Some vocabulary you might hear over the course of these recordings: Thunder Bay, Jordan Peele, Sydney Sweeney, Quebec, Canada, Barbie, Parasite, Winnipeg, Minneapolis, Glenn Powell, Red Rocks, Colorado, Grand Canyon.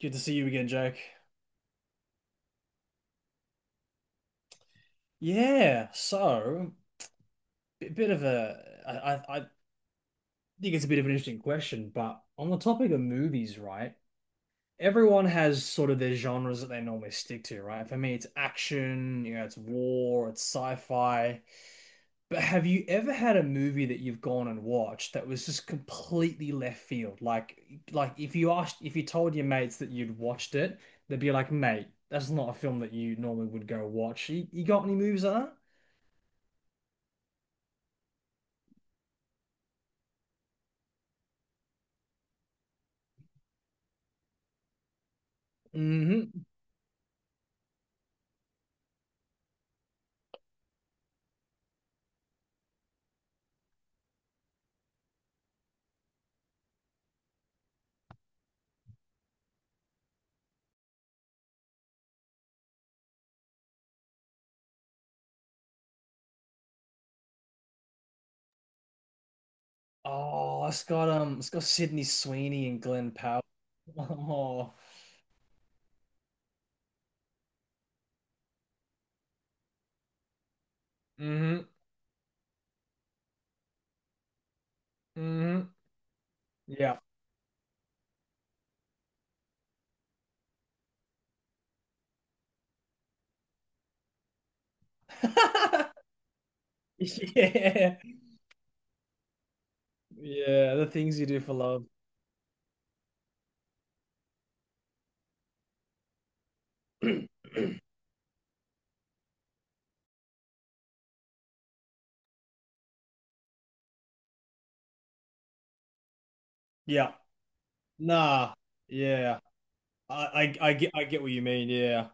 Good to see you again, Jake. Yeah, so a bit of a, I think it's a bit of an interesting question, but on the topic of movies, right? Everyone has sort of their genres that they normally stick to, right? For me, it's action, you know, it's war, it's sci-fi. But have you ever had a movie that you've gone and watched that was just completely left field? Like if you asked, if you told your mates that you'd watched it, they'd be like, "Mate, that's not a film that you normally would go watch." You got any movies like that? Hmm. Oh, it's got Sydney Sweeney and Glenn Powell. Oh, mm-hmm, mm-hmm. Yeah. Yeah. Yeah, the things you do for love. Yeah. Nah. Yeah. I get what you mean. Yeah.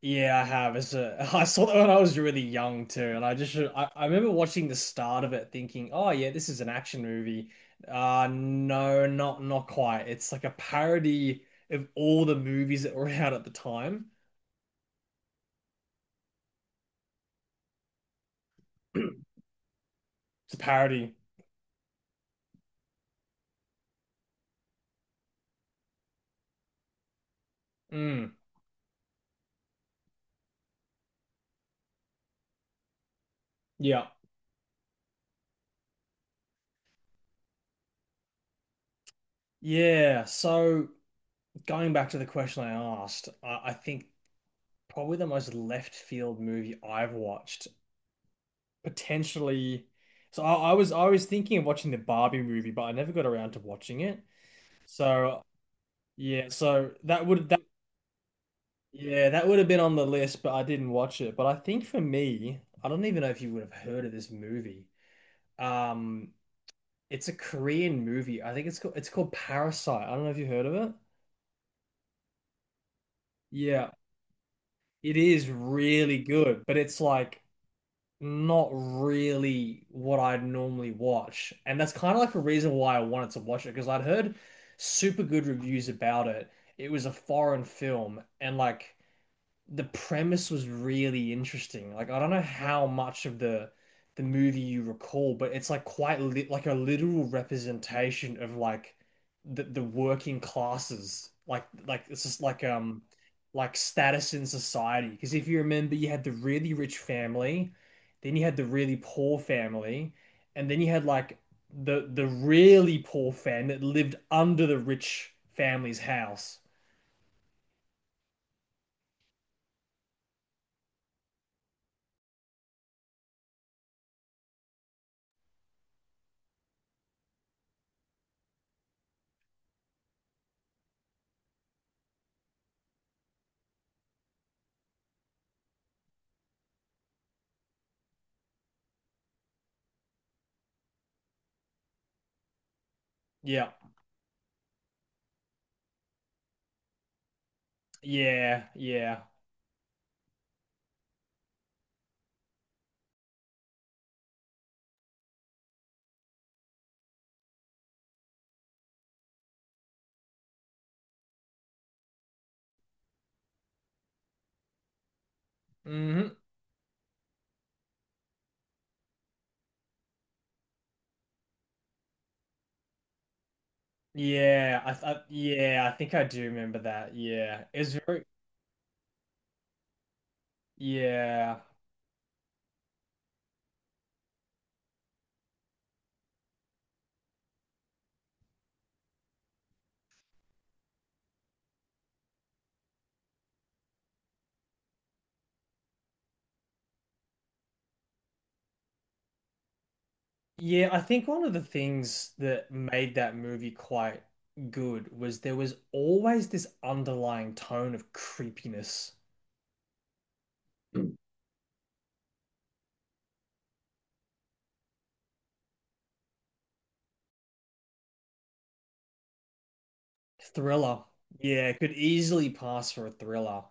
Yeah, I have. I saw that when I was really young too, and I remember watching the start of it thinking, "Oh yeah, this is an action movie." No, not quite. It's like a parody of all the movies that were out at the time. It's a parody. Mm, yeah. Yeah. So going back to the question I asked, I think probably the most left field movie I've watched, potentially. So I was thinking of watching the Barbie movie, but I never got around to watching it. So yeah, so that would that yeah, that would have been on the list, but I didn't watch it. But I think for me, I don't even know if you would have heard of this movie. Um, it's a Korean movie. I think it's called Parasite. I don't know if you heard of it. Yeah, it is really good, but it's like not really what I'd normally watch. And that's kind of like a reason why I wanted to watch it because I'd heard super good reviews about it. It was a foreign film, and like the premise was really interesting. Like I don't know how much of the movie you recall, but it's like quite li like a literal representation of like the working classes. Like it's just like status in society. Because if you remember, you had the really rich family, then you had the really poor family, and then you had like the really poor family that lived under the rich family's house. Yeah, yeah. Mhm. Yeah, I think I do remember that. Yeah, it was very yeah, yeah. I think one of the things that made that movie quite good was there was always this underlying tone of creepiness. Thriller. Yeah, it could easily pass for a thriller.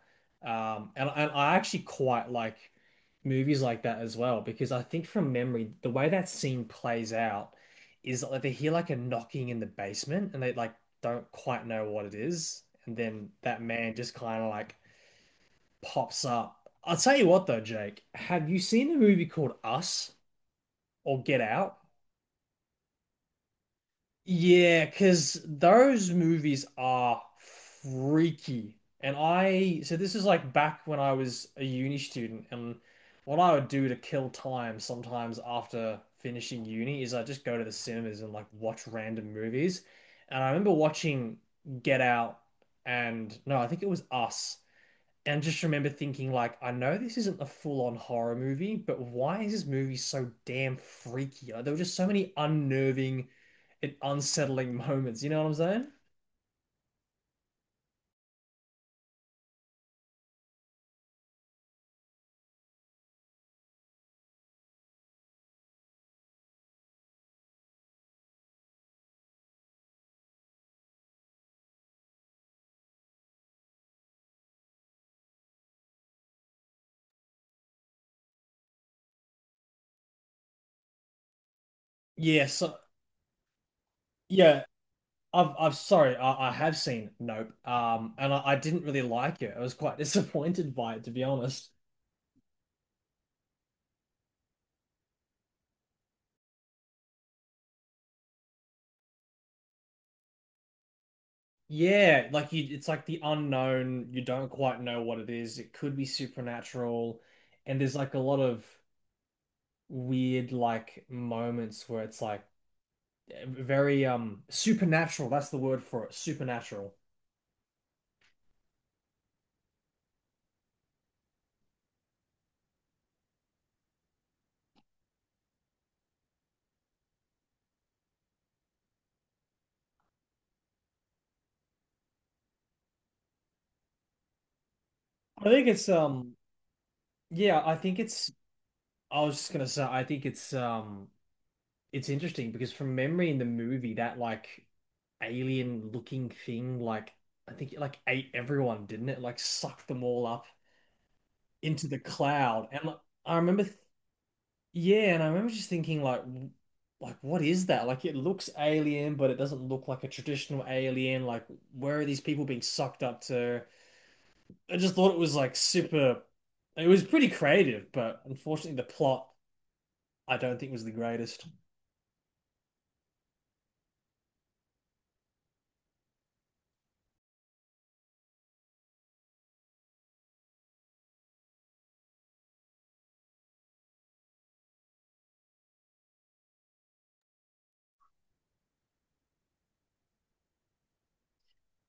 And I actually quite like movies like that as well because I think from memory, the way that scene plays out is that, like they hear like a knocking in the basement and they like don't quite know what it is. And then that man just kind of like pops up. I'll tell you what though, Jake, have you seen the movie called Us or Get Out? Yeah, because those movies are freaky. So this is like back when I was a uni student, and what I would do to kill time sometimes after finishing uni is I just go to the cinemas and like watch random movies. And I remember watching Get Out and no, I think it was Us. And just remember thinking, like, I know this isn't a full-on horror movie, but why is this movie so damn freaky? Like, there were just so many unnerving and unsettling moments. You know what I'm saying? Yeah. So yeah, I have seen Nope. I didn't really like it. I was quite disappointed by it, to be honest. Yeah, like you, it's like the unknown. You don't quite know what it is. It could be supernatural, and there's like a lot of weird like moments where it's like very supernatural. That's the word for it. Supernatural. I think it's um yeah, I think it's I was just gonna say I think it's interesting because from memory in the movie that like alien looking thing like I think it like ate everyone, didn't it? Like sucked them all up into the cloud. And like, I remember th yeah, and I remember just thinking like like what is that? Like it looks alien, but it doesn't look like a traditional alien. Like where are these people being sucked up to? I just thought it was like super. It was pretty creative, but unfortunately, the plot I don't think was the greatest.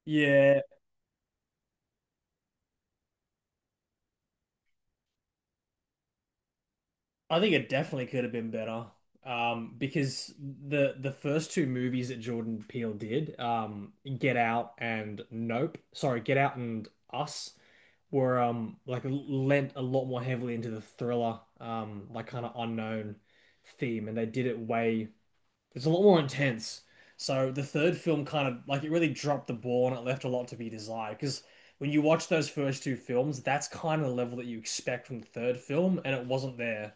Yeah, I think it definitely could have been better. Because the first two movies that Jordan Peele did, Get Out and Nope, sorry, Get Out and Us, were like lent a lot more heavily into the thriller, like kind of unknown theme, and they did it way it's a lot more intense. So the third film kind of like it really dropped the ball and it left a lot to be desired. Because when you watch those first two films, that's kind of the level that you expect from the third film, and it wasn't there.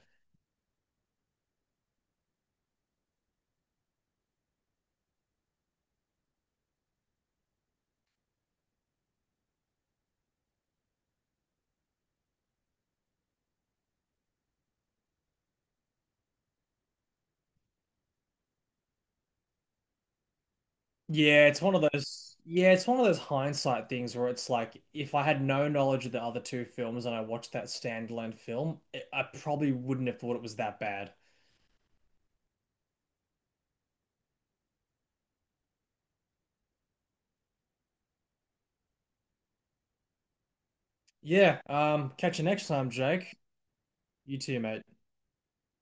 Yeah, it's one of those hindsight things where it's like if I had no knowledge of the other two films and I watched that standalone film, I probably wouldn't have thought it was that bad. Yeah, catch you next time, Jake. You too, mate.